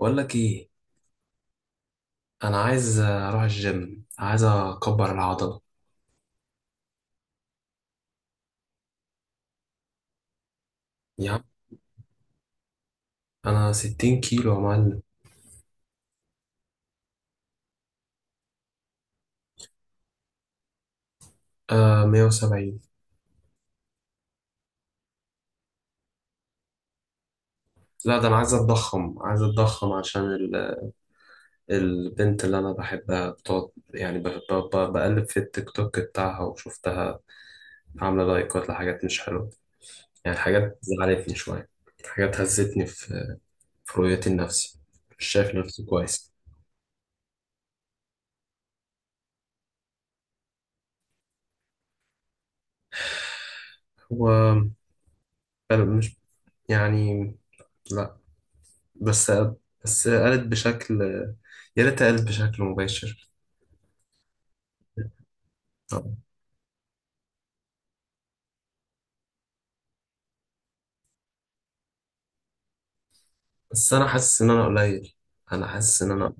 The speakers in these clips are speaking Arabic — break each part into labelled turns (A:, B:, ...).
A: بقول لك ايه؟ انا عايز اروح الجيم، عايز اكبر العضله. يا عم، انا 60 كيلو يا معلم. آه، 170. لا، ده انا عايز اتضخم، عايز اتضخم عشان البنت اللي انا بحبها بتقعد يعني بقلب في التيك توك بتاعها، وشفتها عامله لايكات لحاجات مش حلوه. يعني حاجات زعلتني شويه، حاجات هزتني في في رؤيتي لنفسي. مش شايف نفسي كويس. و مش يعني لا، بس، قالت بشكل، يا ريت قالت بشكل مباشر. طبعا. بس انا حاسس ان انا قليل، انا حاسس ان انا.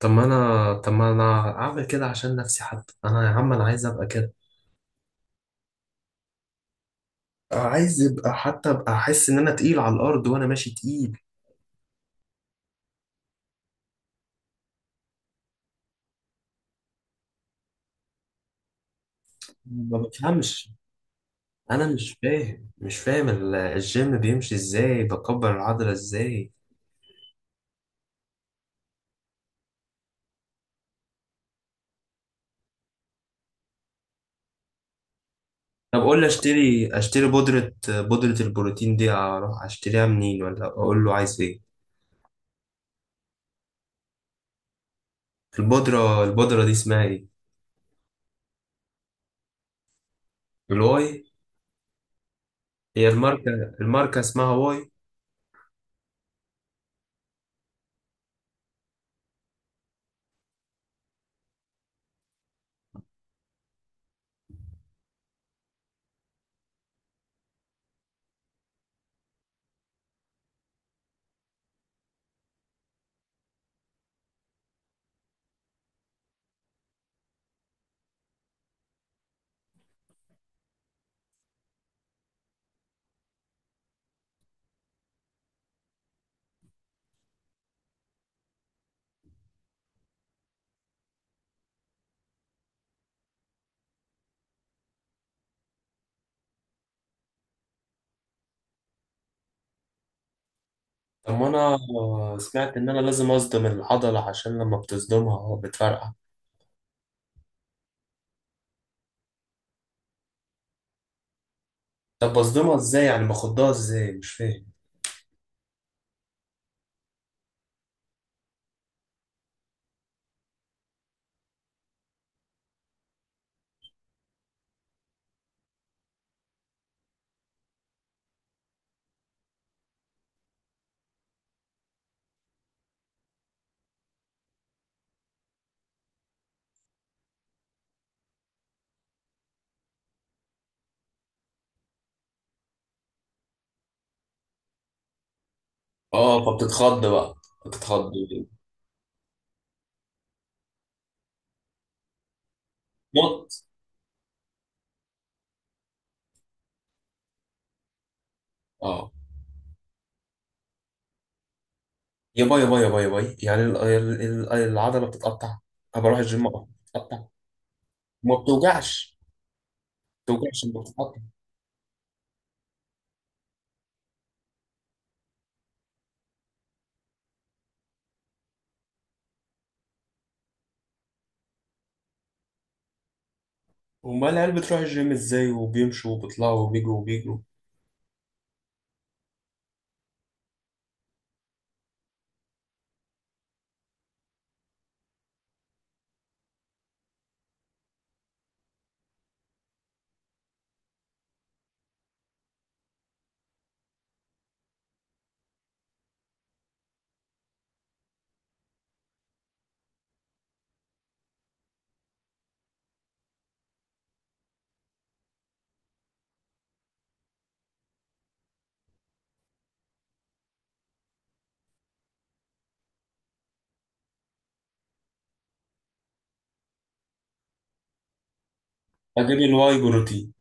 A: طب ما انا اعمل كده عشان نفسي، حتى انا يا عم انا عايز ابقى كده. عايز ابقى حتى ابقى احس ان انا تقيل على الارض، وانا ماشي تقيل. ما بفهمش، انا مش فاهم، مش فاهم الجيم بيمشي ازاي، بكبر العضله ازاي؟ طب قول لي، اشتري بودره البروتين دي، اروح اشتريها منين، ولا اقول له عايز ايه؟ البودرة دي اسمها ايه؟ الواي. هي الماركة، الماركة اسمها واي؟ طب ما انا سمعت ان انا لازم اصدم العضلة، عشان لما بتصدمها اه بتفرقع. طب بصدمها ازاي يعني، باخدها ازاي، مش فاهم. اه، فبتتخض بقى. بتتخض. نط. اه، يا باي يا باي يا باي يا باي، يعني العضلة بتتقطع؟ انا بروح الجيم أه، بتتقطع؟ ما بتوجعش؟ ما بتوجعش ما بتتقطع؟ امال العيال بتروح الجيم ازاي، وبيمشوا وبيطلعوا وبيجوا وبيجوا؟ اجيب الواي بروتين.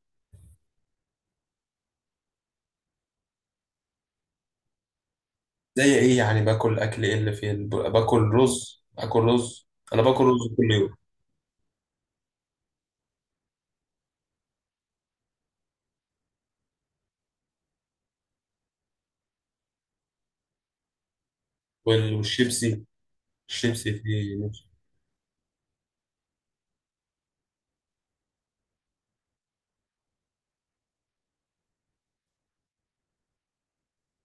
A: زي ايه يعني، باكل اكل ايه اللي فيه باكل رز، اكل رز؟ انا باكل رز كل يوم. والشيبسي. الشيبسي فيه نص.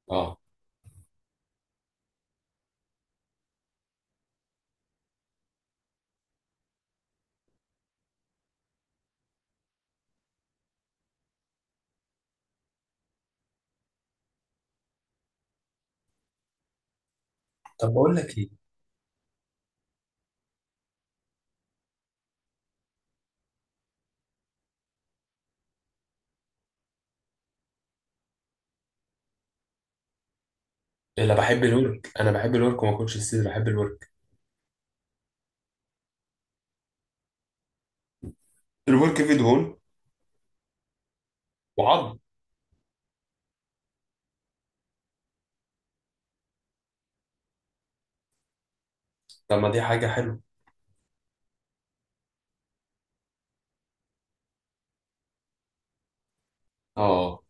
A: اه. طب بقول لك ايه، الا بحب الورك، انا بحب الورك وما اكلش الصدر، بحب الورك. الورك فيه دهون. وعض طب ما دي حاجه حلوه. اه.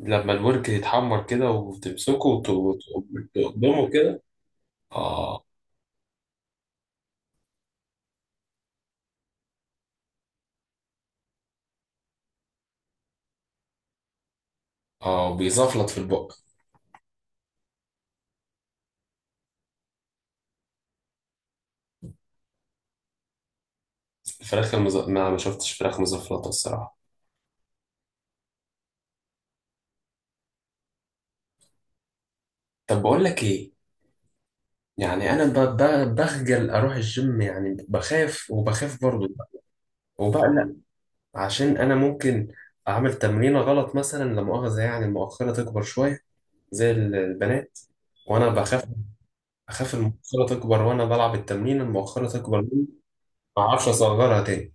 A: لما الورك يتحمر كده وتمسكه وتقدمه كده. اه. اه، بيزفلط في البق. ما ما شفتش فراخ مزفلطه الصراحه. طب بقول لك ايه، يعني انا بخجل اروح الجيم، يعني بخاف، وبخاف برضه، وبقلق. عشان انا ممكن اعمل تمرينه غلط مثلا، لا مؤاخذه، يعني المؤخره تكبر شويه زي البنات. وانا بخاف اخاف المؤخره تكبر، وانا بلعب التمرين المؤخره تكبر مني، ما اعرفش اصغرها تاني.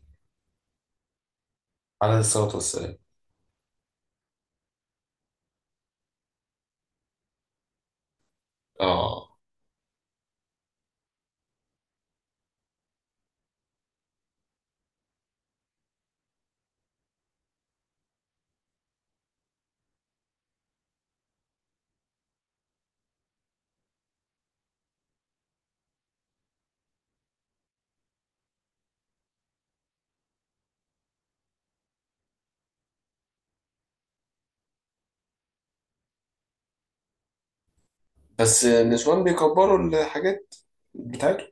A: عليه الصلاه والسلام. اه. بس النسوان بيكبروا الحاجات بتاعتهم.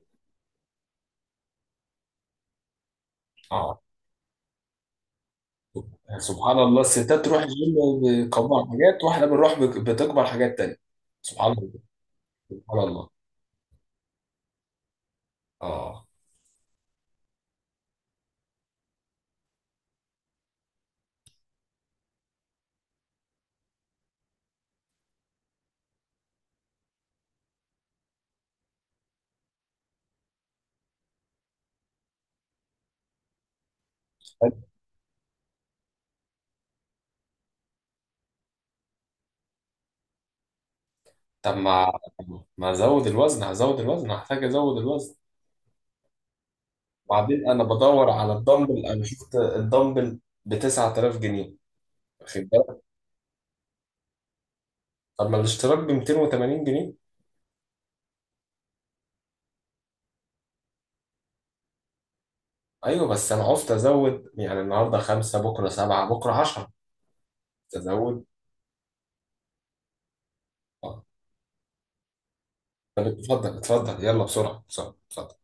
A: اه. سبحان الله، الستات تروح الجيم بيكبروا حاجات، واحنا بنروح بتكبر حاجات تانية. سبحان الله. سبحان الله. اه. طب ما ما ازود الوزن، هزود الوزن، هحتاج ازود الوزن. وبعدين انا بدور على الدمبل، انا شفت الدمبل ب 9000 جنيه، واخد بالك؟ طب ما الاشتراك ب 280 جنيه. ايوه، بس انا عرفت ازود، يعني النهارده خمسه، بكره سبعه، بكره 10. ازود. اه. طب اتفضل اتفضل، يلا بسرعه بسرعه اتفضل.